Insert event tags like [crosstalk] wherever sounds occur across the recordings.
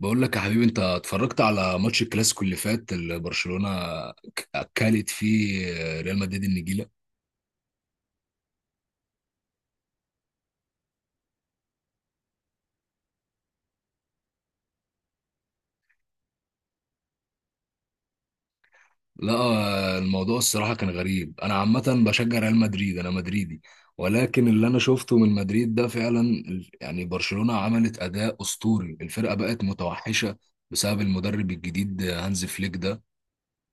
بقول لك يا حبيبي، انت اتفرجت على ماتش الكلاسيكو اللي فات اللي برشلونة اكلت فيه ريال مدريد النجيلة. لا، الموضوع الصراحة كان غريب، انا عامة بشجع ريال مدريد، انا مدريدي. ولكن اللي انا شفته من مدريد ده فعلا يعني برشلونة عملت اداء اسطوري، الفرقة بقت متوحشة بسبب المدرب الجديد هانز فليك ده.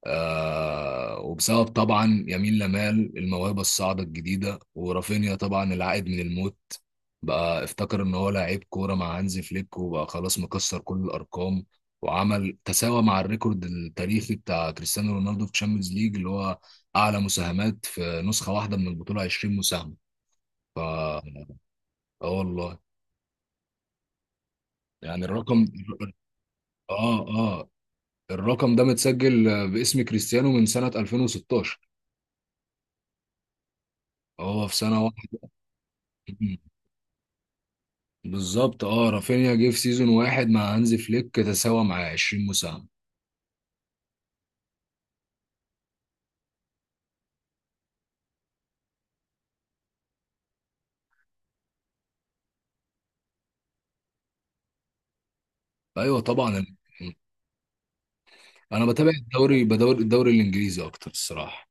وبسبب طبعا يمين لمال الموهبة الصاعدة الجديدة، ورافينيا طبعا العائد من الموت. بقى افتكر ان هو لعيب كورة مع هانزي فليك وبقى خلاص مكسر كل الارقام، وعمل تساوى مع الريكورد التاريخي بتاع كريستيانو رونالدو في تشامبيونز ليج، اللي هو اعلى مساهمات في نسخة واحدة من البطولة، 20 مساهمة. ف اه والله. يعني الرقم. اه، اه. الرقم ده متسجل باسم كريستيانو من سنة 2016. هو في سنة واحدة بالظبط. اه رافينيا جه في سيزون واحد مع هانزي فليك، تساوى مع 20 مساهمة. ايوه طبعا انا بتابع الدوري، بدور الدوري الانجليزي اكتر الصراحة.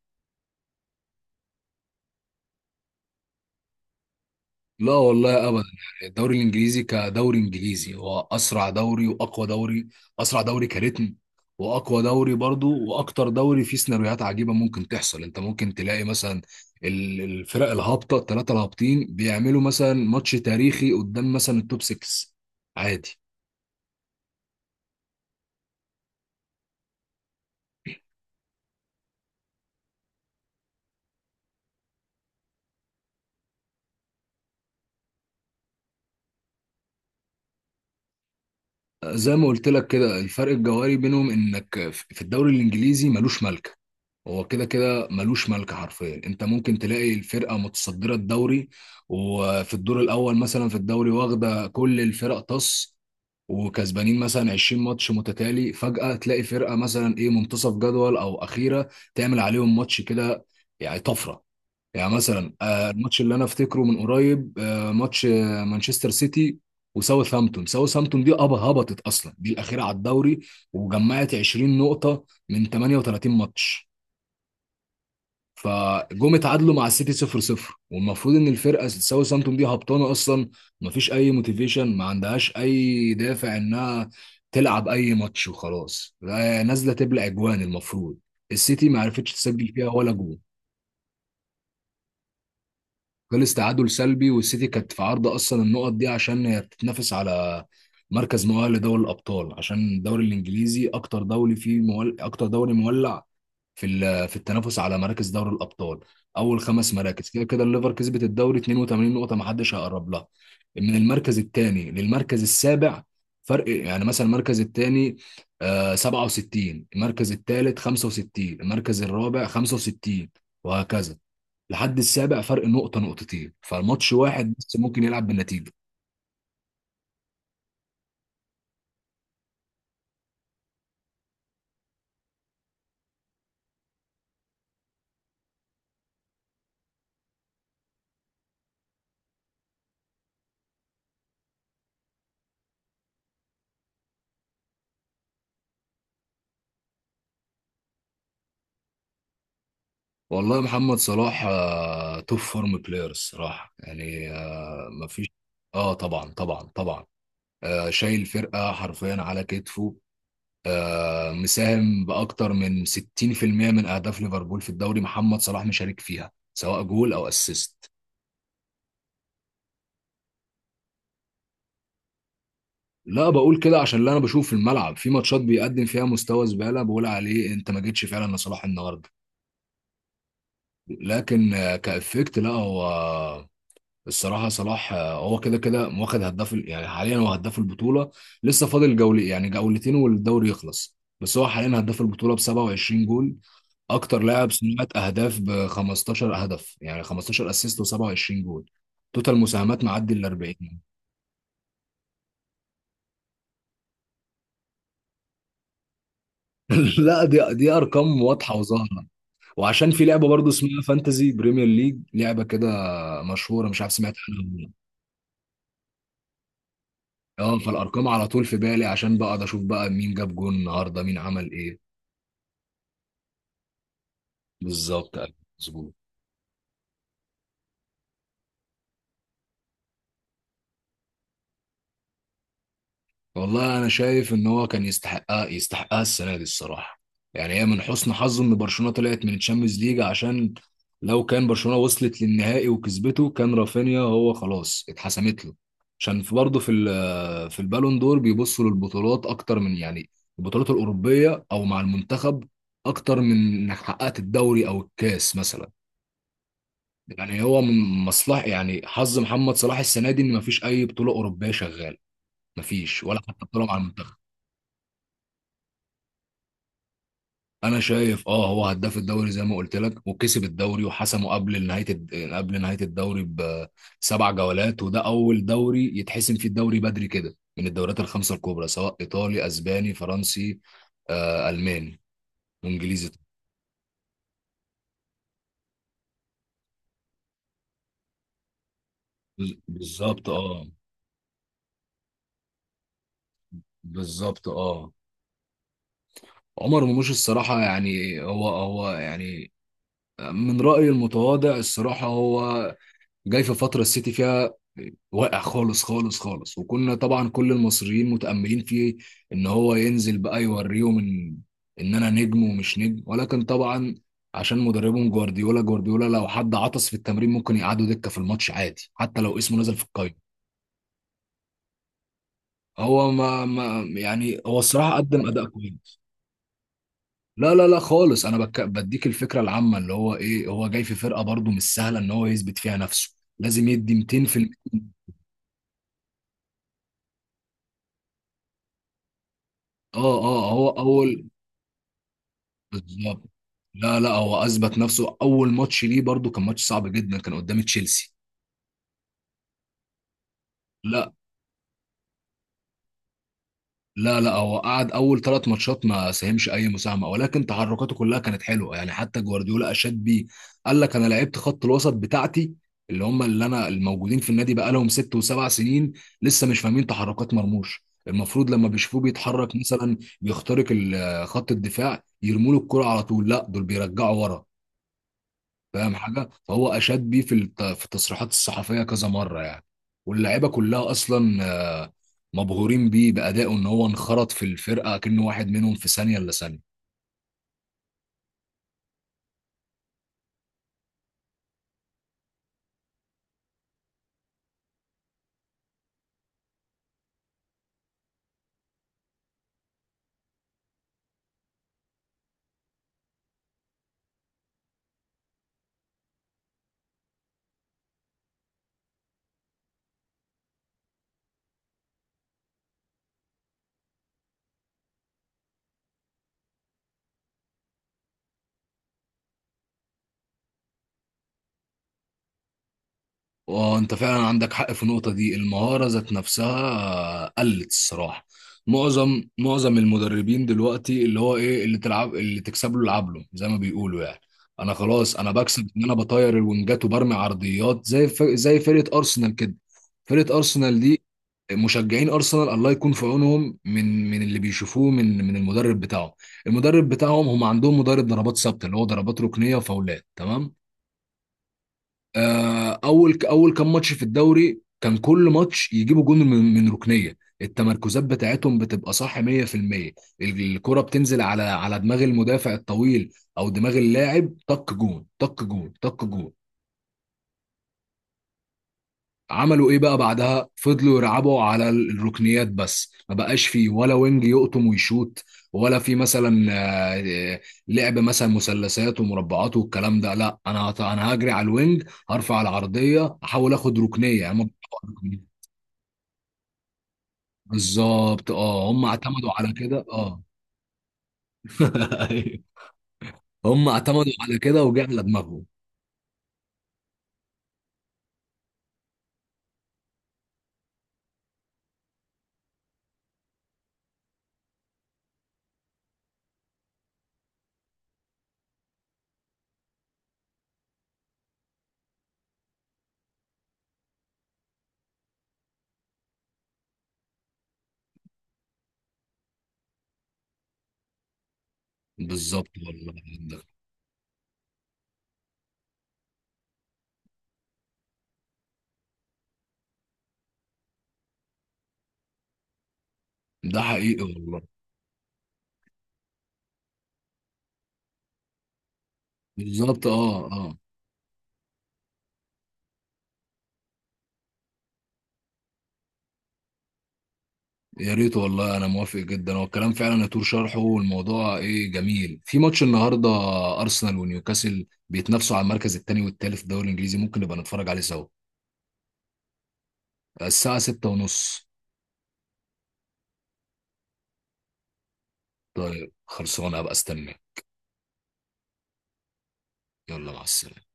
لا والله ابدا. يعني الدوري الانجليزي كدوري انجليزي هو اسرع دوري واقوى دوري، اسرع دوري كريتم، واقوى دوري برضو، واكتر دوري فيه سيناريوهات عجيبة ممكن تحصل. انت ممكن تلاقي مثلا الفرق الهابطة الثلاثة الهابطين بيعملوا مثلا ماتش تاريخي قدام مثلا التوب 6 عادي. زي ما قلت لك كده، الفرق الجوهري بينهم انك في الدوري الانجليزي ملوش ملكه، هو كده كده ملوش ملكه حرفيا. انت ممكن تلاقي الفرقه متصدره الدوري وفي الدور الاول مثلا في الدوري واخده كل الفرق طص، وكسبانين مثلا 20 ماتش متتالي، فجأة تلاقي فرقة مثلا ايه منتصف جدول او اخيرة تعمل عليهم ماتش كده، يعني طفرة. يعني مثلا، الماتش اللي انا افتكره من قريب، ماتش مانشستر سيتي وساوثهامبتون. ساوثهامبتون دي هبطت اصلا، دي الاخيره على الدوري، وجمعت 20 نقطه من 38 ماتش. اتعادلوا مع السيتي 0-0. والمفروض ان الفرقه ساوثهامبتون دي هبطانه اصلا، مفيش اي موتيفيشن، ما عندهاش اي دافع انها تلعب اي ماتش وخلاص، لا، نازله تبلع اجوان المفروض، السيتي ما عرفتش تسجل فيها ولا جول. خلص تعادل سلبي، والسيتي كانت في عرض اصلا النقط دي عشان هي بتتنافس على مركز مؤهل لدوري الابطال، عشان الدوري الانجليزي اكتر دوري فيه اكتر دوري مولع في في التنافس على مراكز دوري الابطال. اول خمس مراكز كده كده الليفر كسبت الدوري 82 نقطه، ما حدش هيقرب لها. من المركز الثاني للمركز السابع فرق، يعني مثلا المركز الثاني 67، المركز الثالث 65، المركز الرابع 65 وهكذا لحد السابع، فرق نقطة نقطتين، فالماتش واحد بس ممكن يلعب بالنتيجة. والله محمد صلاح توب فورم بلاير الصراحة، يعني مفيش. اه، طبعا طبعا طبعا. شايل فرقة حرفيا على كتفه، مساهم بأكتر من 60% من أهداف ليفربول في الدوري، محمد صلاح مشارك فيها سواء جول أو أسيست. لا، بقول كده عشان اللي أنا بشوف في الملعب في ماتشات بيقدم فيها مستوى زبالة، بقول عليه أنت ما جيتش فعلا لصلاح النهاردة. لكن كإفكت لا، هو الصراحة صلاح هو كده كده واخد هداف يعني حاليا هو هداف البطولة، لسه فاضل جولة، يعني جولتين والدوري يخلص، بس هو حاليا هداف البطولة ب 27 جول. أكتر لاعب صناعة أهداف ب 15 هدف، يعني 15 أسيست و27 جول. توتال مساهمات معدي ال 40. [laughs] لا، دي أرقام واضحة وظاهرة. وعشان في لعبة برضه اسمها فانتزي بريمير ليج، لعبة كده مشهورة، مش عارف سمعت عنها ولا لا. اه، فالارقام على طول في بالي عشان بقعد اشوف بقى مين جاب جون النهارده، مين عمل ايه. بالظبط، أيوة، مظبوط. والله انا شايف ان هو كان يستحقها، يستحقها السنه دي الصراحه. يعني هي من حسن حظه ان برشلونه طلعت من الشامبيونز ليج، عشان لو كان برشلونه وصلت للنهائي وكسبته كان رافينيا هو خلاص اتحسمت له. عشان في برضه في في البالون دور بيبصوا للبطولات اكتر من، يعني البطولات الاوروبيه او مع المنتخب، اكتر من انك حققت الدوري او الكاس مثلا. يعني هو من مصلحه، يعني حظ محمد صلاح السنه دي ان مفيش اي بطوله اوروبيه شغاله، مفيش ولا حتى بطوله مع المنتخب. انا شايف، هو هداف الدوري زي ما قلت لك، وكسب الدوري وحسمه قبل نهايه الدوري بسبع جولات، وده اول دوري يتحسم فيه الدوري بدري كده من الدوريات الخمسه الكبرى، سواء ايطالي، اسباني، فرنسي، الماني وانجليزي. بالظبط، اه. بالظبط، اه. عمر مرموش الصراحه، يعني هو يعني من رايي المتواضع الصراحه، هو جاي في فتره السيتي فيها واقع، خالص خالص خالص. وكنا طبعا كل المصريين متاملين فيه ان هو ينزل بقى يوريهم ان انا نجم ومش نجم، ولكن طبعا عشان مدربهم جوارديولا، جوارديولا لو حد عطس في التمرين ممكن يقعدوا دكه في الماتش عادي، حتى لو اسمه نزل في القايمه. هو ما يعني هو الصراحه قدم اداء كويس. لا لا لا خالص، انا بديك الفكره العامه، اللي هو ايه، هو جاي في فرقه برضه مش سهله ان هو يثبت فيها نفسه، لازم يدي 200%. اه، اه، هو اول بالظبط. لا لا، هو اثبت نفسه اول ماتش ليه، برضو كان ماتش صعب جدا، كان قدام تشيلسي. لا لا لا، هو قعد اول ثلاث ماتشات ما ساهمش اي مساهمه، ولكن تحركاته كلها كانت حلوه يعني، حتى جوارديولا اشاد بيه. قال لك انا لعبت خط الوسط بتاعتي، اللي هم اللي انا الموجودين في النادي بقى لهم ست وسبع سنين لسه مش فاهمين تحركات مرموش. المفروض لما بيشوفوه بيتحرك مثلا بيخترق خط الدفاع يرموا له الكرة على طول، لا دول بيرجعوا ورا فاهم حاجه. فهو اشاد بيه في في التصريحات الصحفيه كذا مره يعني. واللعيبه كلها اصلا آه، مبهورين بيه بادائه، ان هو انخرط في الفرقه كأنه واحد منهم في ثانيه الا ثانيه. وانت فعلا عندك حق في النقطة دي، المهارة ذات نفسها قلت الصراحة. معظم المدربين دلوقتي اللي هو ايه، اللي تلعب اللي تكسب له العب له زي ما بيقولوا يعني. انا خلاص، انا بكسب ان انا بطير الونجات وبرمي عرضيات زي زي فرقة ارسنال كده. فرقة ارسنال دي، مشجعين ارسنال الله يكون في عونهم من اللي بيشوفوه من المدرب بتاعهم. المدرب بتاعهم هم عندهم مدرب ضربات ثابتة، اللي هو ضربات ركنية وفاولات تمام. اول كام ماتش في الدوري كان كل ماتش يجيبوا جون من ركنيه. التمركزات بتاعتهم بتبقى صح 100%، الكره بتنزل على دماغ المدافع الطويل او دماغ اللاعب، طق جون طق جون طق جون. عملوا ايه بقى بعدها، فضلوا يلعبوا على الركنيات بس، ما بقاش فيه ولا وينج يقطم ويشوت، ولا في مثلا آه، لعب مثلا مثلثات ومربعات والكلام ده. لا، انا انا هجري على الوينج هرفع العرضيه احاول اخد ركنيه، يعني هم بالظبط. اه هم اعتمدوا على كده، [laughs] هم اعتمدوا على كده وجه على دماغهم. بالظبط والله. ده حقيقي والله. بالظبط، اه، اه. يا ريت والله، انا موافق جدا، هو الكلام فعلا يطول شرحه، والموضوع ايه جميل في ماتش النهارده. ارسنال ونيوكاسل بيتنافسوا على المركز الثاني والثالث في الدوري الانجليزي، ممكن نبقى نتفرج عليه سوا. الساعه 6:30 ونص. طيب، خلصانه، هبقى استنى. يلا، مع السلامه.